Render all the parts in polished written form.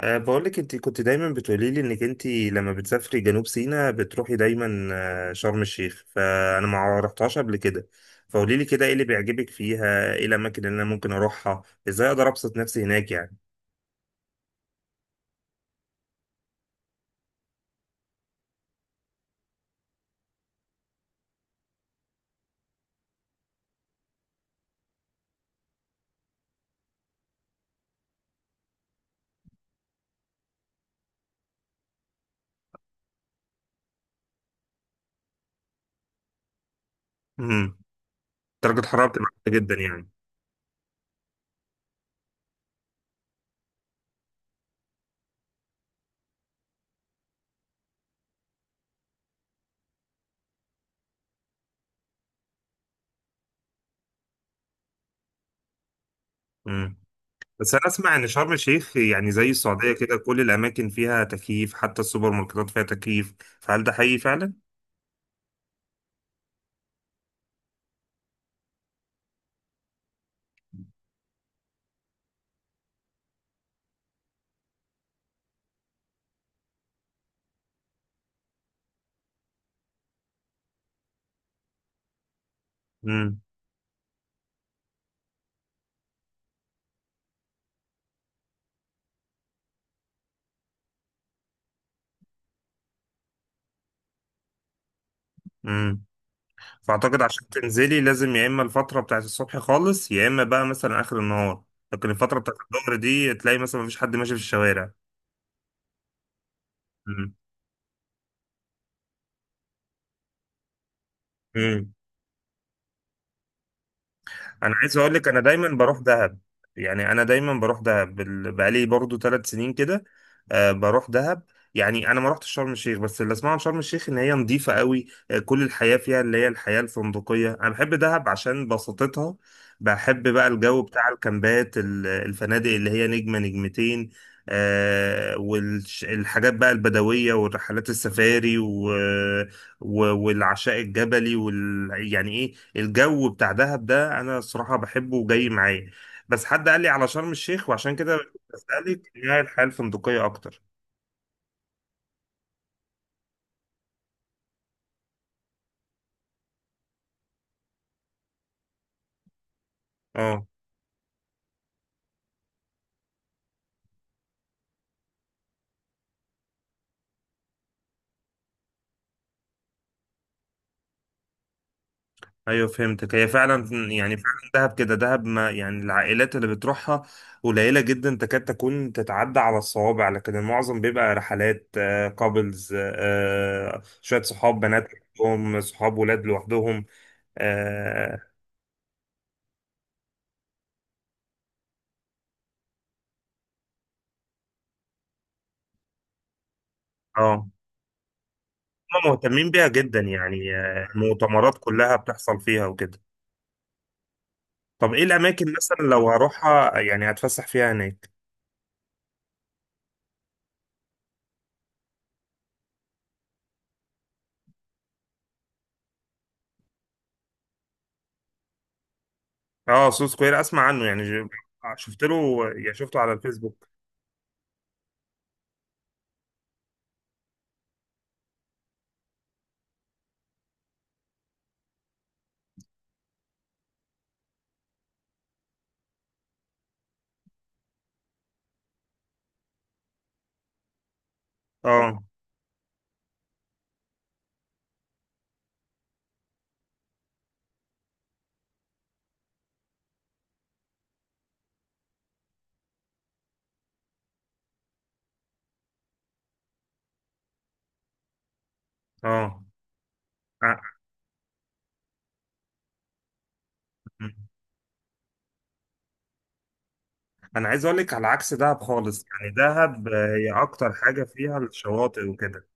بقولك انت كنت دايما بتقولي لي انك انت لما بتسافري جنوب سيناء بتروحي دايما شرم الشيخ، فانا ما رحتهاش قبل كده. فقولي لي كده ايه اللي بيعجبك فيها، ايه الاماكن اللي انا ممكن اروحها، ازاي اقدر ابسط نفسي هناك يعني. امم. درجة حرارة بتبقى عالية جدا يعني. امم. بس انا اسمع ان شرم الشيخ يعني زي السعودية كده كل الاماكن فيها تكييف حتى السوبر ماركتات فيها تكييف، فهل ده حقيقي فعلا؟ امم. امم. فاعتقد عشان تنزلي لازم يا اما الفتره بتاعت الصبح خالص يا اما بقى مثلا اخر النهار، لكن الفتره بتاعت الظهر دي تلاقي مثلا مفيش حد ماشي في الشوارع. امم. انا عايز اقول لك انا دايما بروح دهب. يعني انا دايما بروح دهب بقالي برضو 3 سنين كده. بروح دهب. يعني انا ما رحتش شرم الشيخ، بس اللي اسمعه عن شرم الشيخ ان هي نظيفه قوي، آه كل الحياه فيها اللي هي الحياه الفندقيه. انا بحب دهب عشان بساطتها، بحب بقى الجو بتاع الكامبات الفنادق اللي هي نجمه نجمتين. والحاجات بقى البدويه والرحلات السفاري و... والعشاء الجبلي يعني ايه الجو بتاع دهب ده، انا الصراحه بحبه وجاي معايا، بس حد قال لي على شرم الشيخ وعشان كده بسالك إن هي الحياه الفندقيه اكتر. اه، ايوه فهمتك، هي فعلا يعني فعلا دهب كده. دهب ما يعني العائلات اللي بتروحها قليله جدا، تكاد تكون تتعدى على الصوابع، لكن المعظم بيبقى رحلات كابلز، شويه صحاب بنات لوحدهم، صحاب ولاد لوحدهم. اه. آه. هم مهتمين بيها جدا يعني، المؤتمرات كلها بتحصل فيها وكده. طب ايه الاماكن مثلا لو هروحها يعني هتفسح فيها هناك؟ اه، سو سكوير اسمع عنه، يعني شفت له يعني شفته على الفيسبوك. اه. اه. آه. انا عايز اقول لك على عكس دهب خالص، يعني دهب هي اكتر حاجه فيها الشواطئ وكده.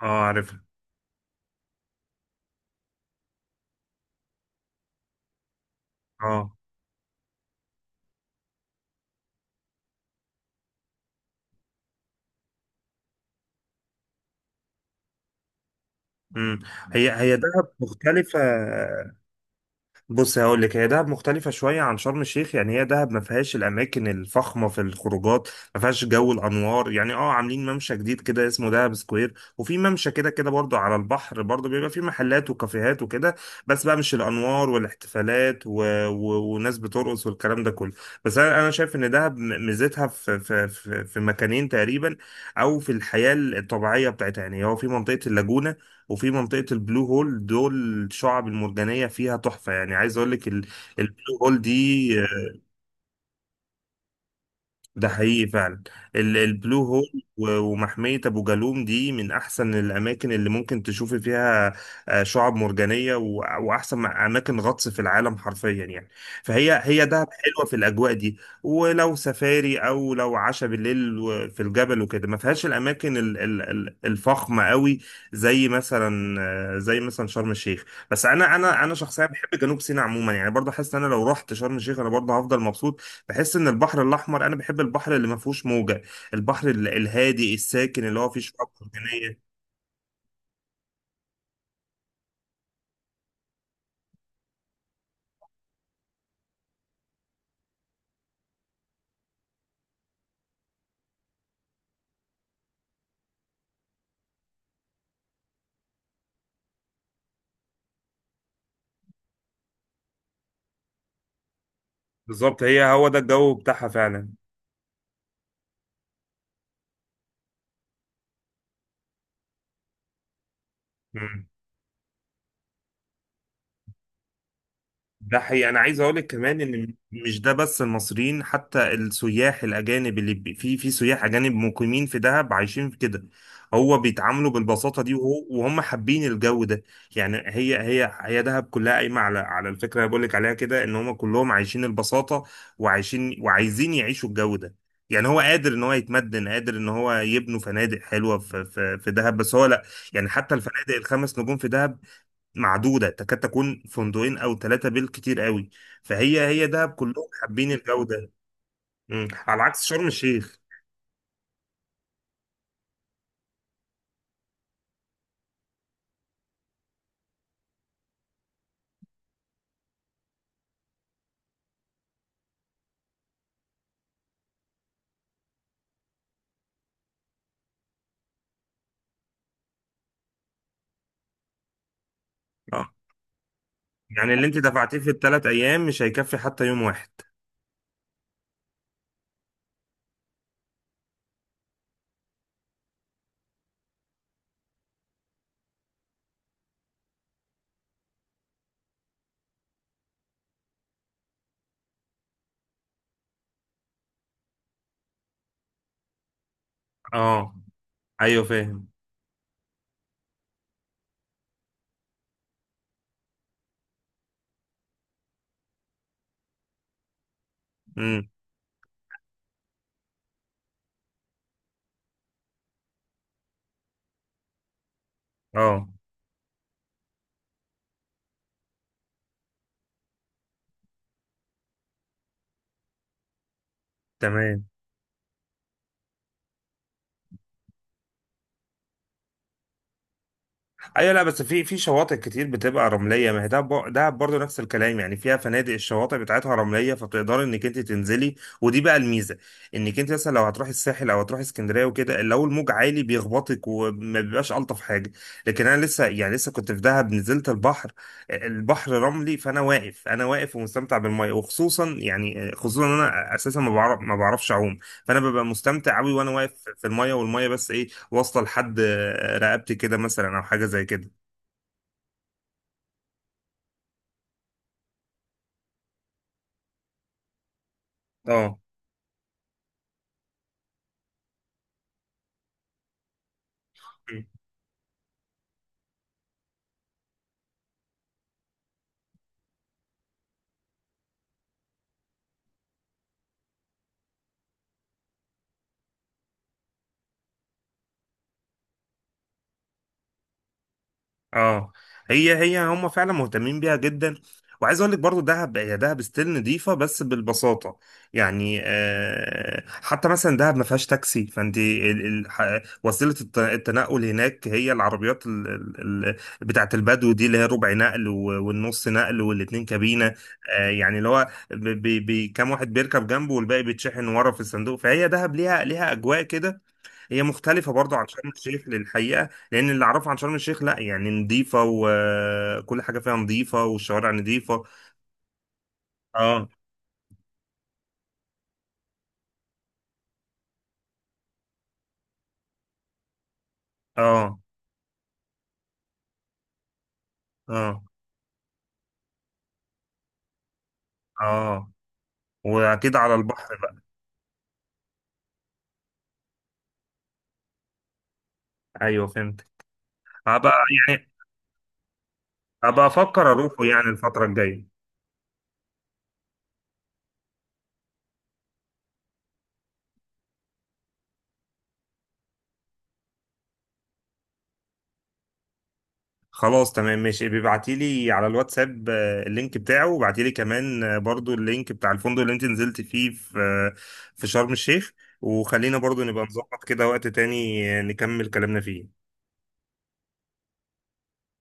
اه عارفها. اه. امم. هي هي دهب مختلفه. بص هقول لك، هي دهب مختلفة شوية عن شرم الشيخ، يعني هي دهب ما فيهاش الأماكن الفخمة في الخروجات، ما فيهاش جو الأنوار يعني. اه عاملين ممشى جديد كده اسمه دهب سكوير، وفي ممشى كده كده برضو على البحر برضو بيبقى فيه محلات وكافيهات وكده، بس بقى مش الأنوار والاحتفالات وناس بترقص والكلام ده كله. بس أنا شايف إن دهب ميزتها في مكانين تقريبا، أو في الحياة الطبيعية بتاعتها. يعني هو في منطقة اللاجونة وفي منطقة البلو هول، دول الشعب المرجانية فيها تحفة. يعني عايز اقول لك البلو هول دي ده حقيقي فعلا. البلو هول ومحمية أبو جالوم دي من أحسن الأماكن اللي ممكن تشوفي فيها، شعاب مرجانية وأحسن أماكن غطس في العالم حرفيا يعني. فهي هي دهب حلوة في الأجواء دي، ولو سفاري أو لو عشاء بالليل في الجبل وكده ما فيهاش الأماكن الفخمة قوي، زي مثلا زي مثلا شرم الشيخ. بس أنا شخصيا بحب جنوب سيناء عموما، يعني برضه حاسس إن أنا لو رحت شرم الشيخ أنا برضه هفضل مبسوط. بحس ان البحر الاحمر، انا بحب البحر اللي ما فيهوش موجه، البحر الهادي الساكن اللي هو فيه شعاب مرجانيه. بالظبط، هي هو ده الجو بتاعها فعلا. مم. ده حقيقي. انا عايز اقول لك كمان ان مش ده بس المصريين، حتى السياح الاجانب اللي في سياح اجانب مقيمين في دهب عايشين في كده، هو بيتعاملوا بالبساطه دي، وهم حابين الجو ده. يعني هي دهب كلها قايمه على الفكره اللي بقول لك عليها كده، ان هم كلهم عايشين البساطه وعايشين وعايزين يعيشوا الجو ده. يعني هو قادر ان هو يتمدن، قادر ان هو يبنوا فنادق حلوه في دهب بس هو لا. يعني حتى الفنادق الخمس نجوم في دهب معدودة تكاد تكون فندقين أو ثلاثة بالكتير قوي. فهي هي دهب كلهم حابين الجودة. مم. على عكس شرم الشيخ. اه. يعني اللي أنت دفعتيه في 3 أيام مش هيكفي حتى يوم واحد. اه. أيوه فاهم. مم. اه تمام. ايوه، لا بس في شواطئ كتير بتبقى رمليه، ما هي دهب دهب برضه نفس الكلام يعني فيها فنادق الشواطئ بتاعتها رمليه، فبتقدري انك انت تنزلي. ودي بقى الميزه، انك انت مثلا لو هتروحي الساحل او هتروحي اسكندريه وكده لو الموج عالي بيخبطك وما بيبقاش الطف حاجه. لكن انا لسه كنت في دهب، نزلت البحر البحر رملي، فانا واقف انا واقف ومستمتع بالميه، وخصوصا يعني خصوصا إن انا اساسا ما بعرفش اعوم. فانا ببقى مستمتع قوي وانا واقف في الميه، والميه بس ايه واصله لحد رقبتي كده مثلا او حاجه زي كده. اه. اه. هي هي هم فعلا مهتمين بيها جدا. وعايز اقول لك برضو دهب، هي دهب ستيل نضيفه بس بالبساطه. يعني حتى مثلا دهب ما فيهاش تاكسي، فانت وسيله التنقل هناك هي العربيات بتاعت البدو دي اللي هي ربع نقل والنص نقل والاتنين كابينه. يعني اللي هو كام واحد بيركب جنبه والباقي بيتشحن ورا في الصندوق، فهي دهب ليها اجواء كده. هي مختلفة برضو عن شرم الشيخ للحقيقة، لأن اللي أعرفه عن شرم الشيخ لأ يعني نظيفة وكل حاجة فيها نظيفة والشوارع نظيفة. اه. اه. اه. اه. وأكيد على البحر بقى. أيوه فهمت. هبقى يعني هبقى أفكر أروحه يعني الفترة الجاية. خلاص تمام ماشي، بيبعتيلي على الواتساب اللينك بتاعه، وبعتيلي كمان برضو اللينك بتاع الفندق اللي أنت نزلت فيه في في شرم الشيخ، وخلينا برضو نبقى نظبط كده وقت تاني نكمل كلامنا فيه.